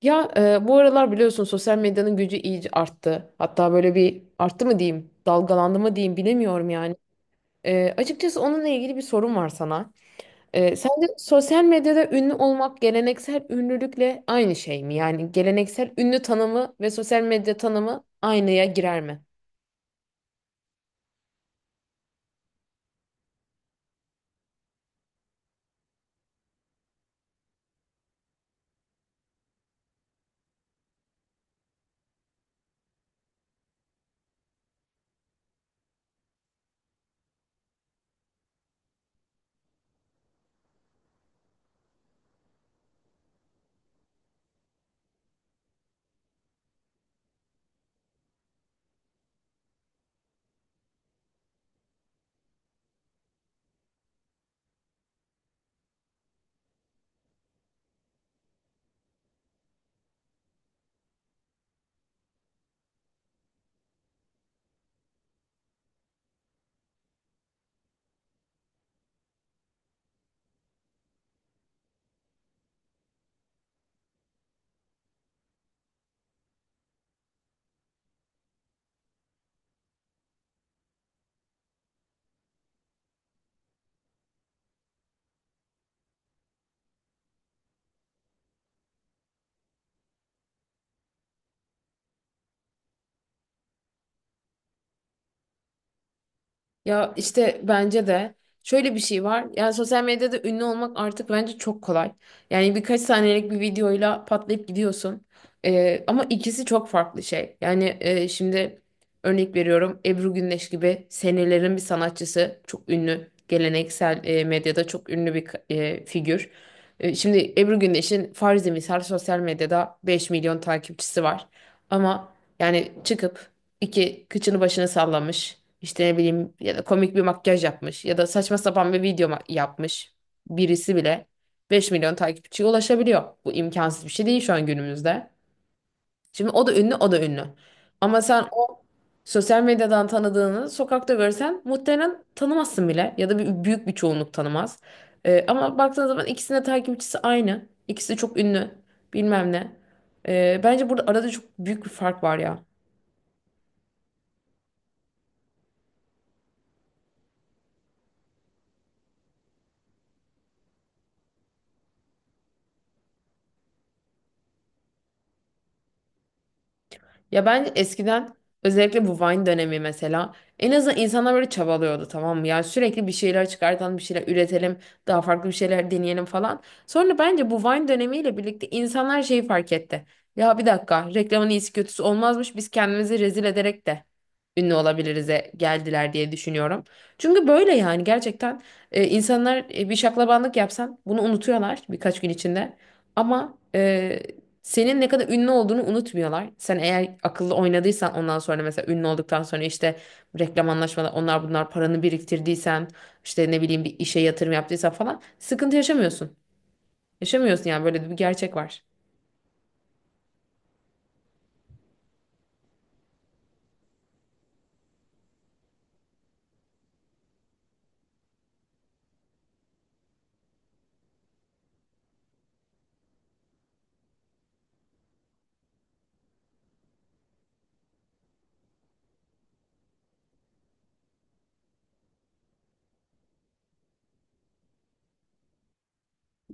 Bu aralar biliyorsun sosyal medyanın gücü iyice arttı. Hatta böyle bir arttı mı diyeyim, dalgalandı mı diyeyim bilemiyorum yani. Açıkçası onunla ilgili bir sorum var sana. Sence sosyal medyada ünlü olmak geleneksel ünlülükle aynı şey mi? Yani geleneksel ünlü tanımı ve sosyal medya tanımı aynıya girer mi? Ya işte bence de şöyle bir şey var. Yani sosyal medyada ünlü olmak artık bence çok kolay. Yani birkaç saniyelik bir videoyla patlayıp gidiyorsun. Ama ikisi çok farklı şey. Yani şimdi örnek veriyorum, Ebru Gündeş gibi senelerin bir sanatçısı çok ünlü. Geleneksel medyada çok ünlü bir figür. Şimdi Ebru Gündeş'in farzi misal sosyal medyada 5 milyon takipçisi var. Ama yani çıkıp iki kıçını başını sallamış. İşte ne bileyim, ya da komik bir makyaj yapmış ya da saçma sapan bir yapmış birisi bile 5 milyon takipçiye ulaşabiliyor. Bu imkansız bir şey değil şu an günümüzde. Şimdi o da ünlü, o da ünlü. Ama sen o sosyal medyadan tanıdığını sokakta görsen muhtemelen tanımazsın bile, ya da bir, büyük bir çoğunluk tanımaz. Ama baktığın zaman ikisinin de takipçisi aynı. İkisi de çok ünlü, bilmem ne. Bence burada arada çok büyük bir fark var ya. Ya bence eskiden özellikle bu Vine dönemi mesela, en azından insanlar böyle çabalıyordu, tamam mı? Yani sürekli bir şeyler çıkartalım, bir şeyler üretelim, daha farklı bir şeyler deneyelim falan. Sonra bence bu Vine dönemiyle birlikte insanlar şeyi fark etti. Ya bir dakika, reklamın iyisi kötüsü olmazmış, biz kendimizi rezil ederek de ünlü olabilirize geldiler diye düşünüyorum. Çünkü böyle yani gerçekten insanlar, bir şaklabanlık yapsan bunu unutuyorlar birkaç gün içinde. Ama senin ne kadar ünlü olduğunu unutmuyorlar. Sen eğer akıllı oynadıysan, ondan sonra mesela ünlü olduktan sonra işte reklam anlaşmaları, onlar bunlar, paranı biriktirdiysen, işte ne bileyim bir işe yatırım yaptıysan falan, sıkıntı yaşamıyorsun. Yaşamıyorsun yani, böyle de bir gerçek var.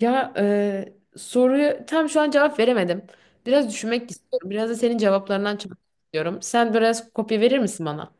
Soruyu tam şu an cevap veremedim. Biraz düşünmek istiyorum. Biraz da senin cevaplarından çalışmak istiyorum. Sen biraz kopya verir misin bana?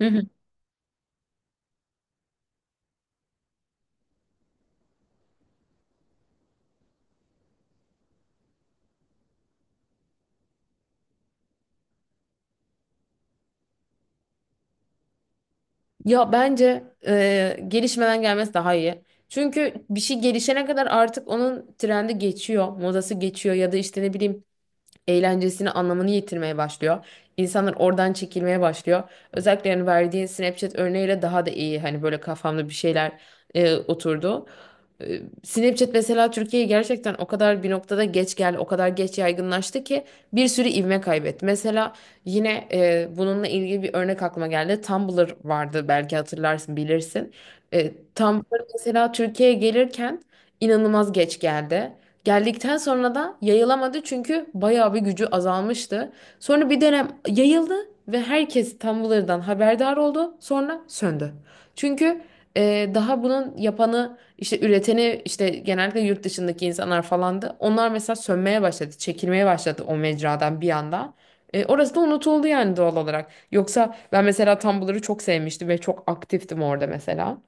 Hı hı. Ya bence gelişmeden gelmesi daha iyi. Çünkü bir şey gelişene kadar artık onun trendi geçiyor, modası geçiyor, ya da işte ne bileyim eğlencesini, anlamını yitirmeye başlıyor. İnsanlar oradan çekilmeye başlıyor. Özellikle yani verdiğin Snapchat örneğiyle daha da iyi, hani böyle kafamda bir şeyler oturdu. E, Snapchat mesela Türkiye'ye gerçekten o kadar bir noktada geç geldi, o kadar geç yaygınlaştı ki bir sürü ivme kaybetti. Mesela yine bununla ilgili bir örnek aklıma geldi. Tumblr vardı, belki hatırlarsın, bilirsin. E, Tumblr mesela Türkiye'ye gelirken inanılmaz geç geldi. Geldikten sonra da yayılamadı çünkü bayağı bir gücü azalmıştı. Sonra bir dönem yayıldı ve herkes Tumblr'dan haberdar oldu. Sonra söndü. Çünkü daha bunun yapanı işte, üreteni işte, genellikle yurt dışındaki insanlar falandı. Onlar mesela sönmeye başladı, çekilmeye başladı o mecradan bir anda. E, orası da unutuldu yani doğal olarak. Yoksa ben mesela Tumblr'ı çok sevmiştim ve çok aktiftim orada mesela.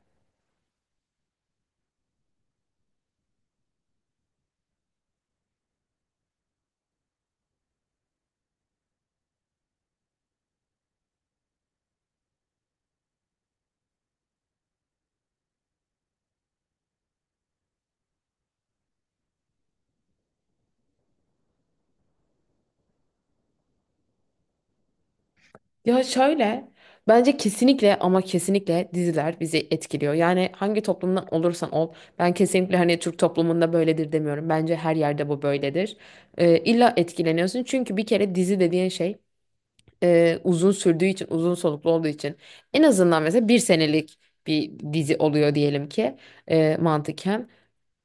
Ya şöyle, bence kesinlikle ama kesinlikle diziler bizi etkiliyor. Yani hangi toplumdan olursan ol, ben kesinlikle hani Türk toplumunda böyledir demiyorum. Bence her yerde bu böyledir. İlla etkileniyorsun çünkü bir kere dizi dediğin şey, uzun sürdüğü için, uzun soluklu olduğu için, en azından mesela 1 senelik bir dizi oluyor diyelim ki, mantıken.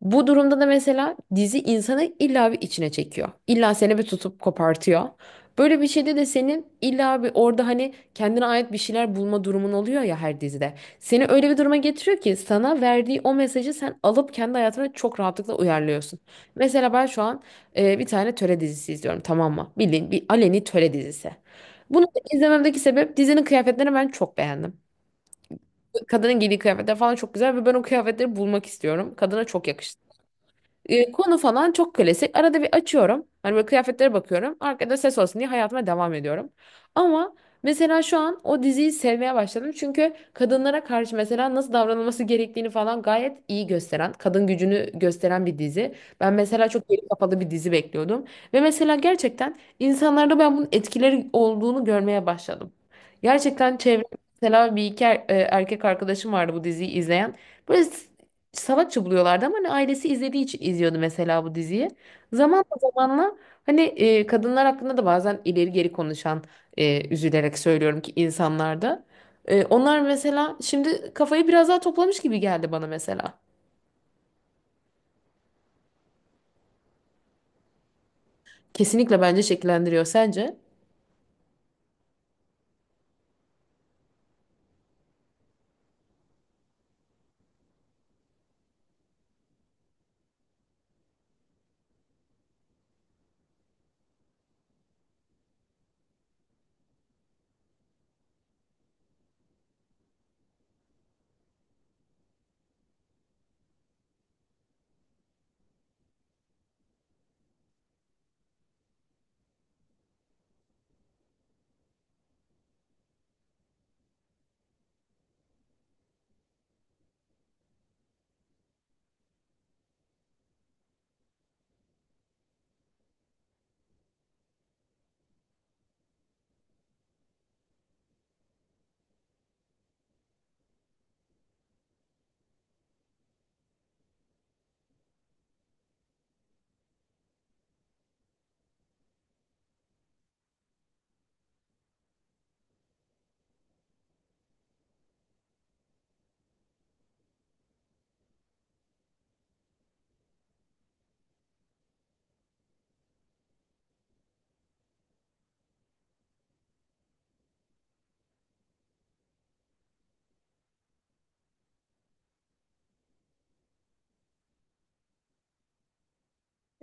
Bu durumda da mesela dizi insanı illa bir içine çekiyor. İlla seni bir tutup kopartıyor. Böyle bir şeyde de senin illa bir orada hani kendine ait bir şeyler bulma durumun oluyor ya her dizide. Seni öyle bir duruma getiriyor ki sana verdiği o mesajı sen alıp kendi hayatına çok rahatlıkla uyarlıyorsun. Mesela ben şu an bir tane töre dizisi izliyorum, tamam mı? Bildiğin bir aleni töre dizisi. Bunu da izlememdeki sebep, dizinin kıyafetlerini ben çok beğendim. Kadının giydiği kıyafetler falan çok güzel ve ben o kıyafetleri bulmak istiyorum. Kadına çok yakıştı. Konu falan çok klasik. Arada bir açıyorum. Hani böyle kıyafetlere bakıyorum. Arkada ses olsun diye hayatıma devam ediyorum. Ama mesela şu an o diziyi sevmeye başladım. Çünkü kadınlara karşı mesela nasıl davranılması gerektiğini falan gayet iyi gösteren, kadın gücünü gösteren bir dizi. Ben mesela çok geri kapalı bir dizi bekliyordum. Ve mesela gerçekten insanlarda ben bunun etkileri olduğunu görmeye başladım. Gerçekten çevre, mesela bir iki erkek arkadaşım vardı bu diziyi izleyen. Böyle salakça buluyorlardı ama hani ailesi izlediği için izliyordu mesela bu diziyi. Zamanla hani kadınlar hakkında da bazen ileri geri konuşan, üzülerek söylüyorum ki, insanlarda. Onlar mesela şimdi kafayı biraz daha toplamış gibi geldi bana mesela. Kesinlikle bence şekillendiriyor. Sence?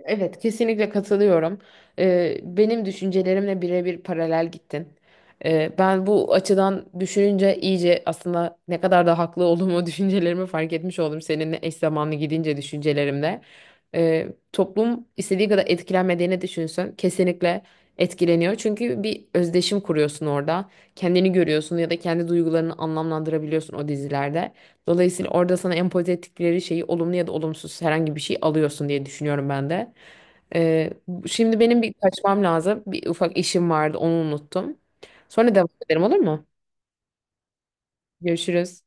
Evet, kesinlikle katılıyorum. Benim düşüncelerimle birebir paralel gittin. Ben bu açıdan düşününce iyice aslında ne kadar da haklı olduğumu düşüncelerimi fark etmiş oldum seninle eş zamanlı gidince düşüncelerimde. Ee, Toplum istediği kadar etkilenmediğini düşünsün, kesinlikle etkileniyor. Çünkü bir özdeşim kuruyorsun orada. Kendini görüyorsun ya da kendi duygularını anlamlandırabiliyorsun o dizilerde. Dolayısıyla orada sana empoze ettikleri şeyi, olumlu ya da olumsuz, herhangi bir şey alıyorsun diye düşünüyorum ben de. Ee, Şimdi benim bir kaçmam lazım. Bir ufak işim vardı, onu unuttum. Sonra devam ederim, olur mu? Görüşürüz.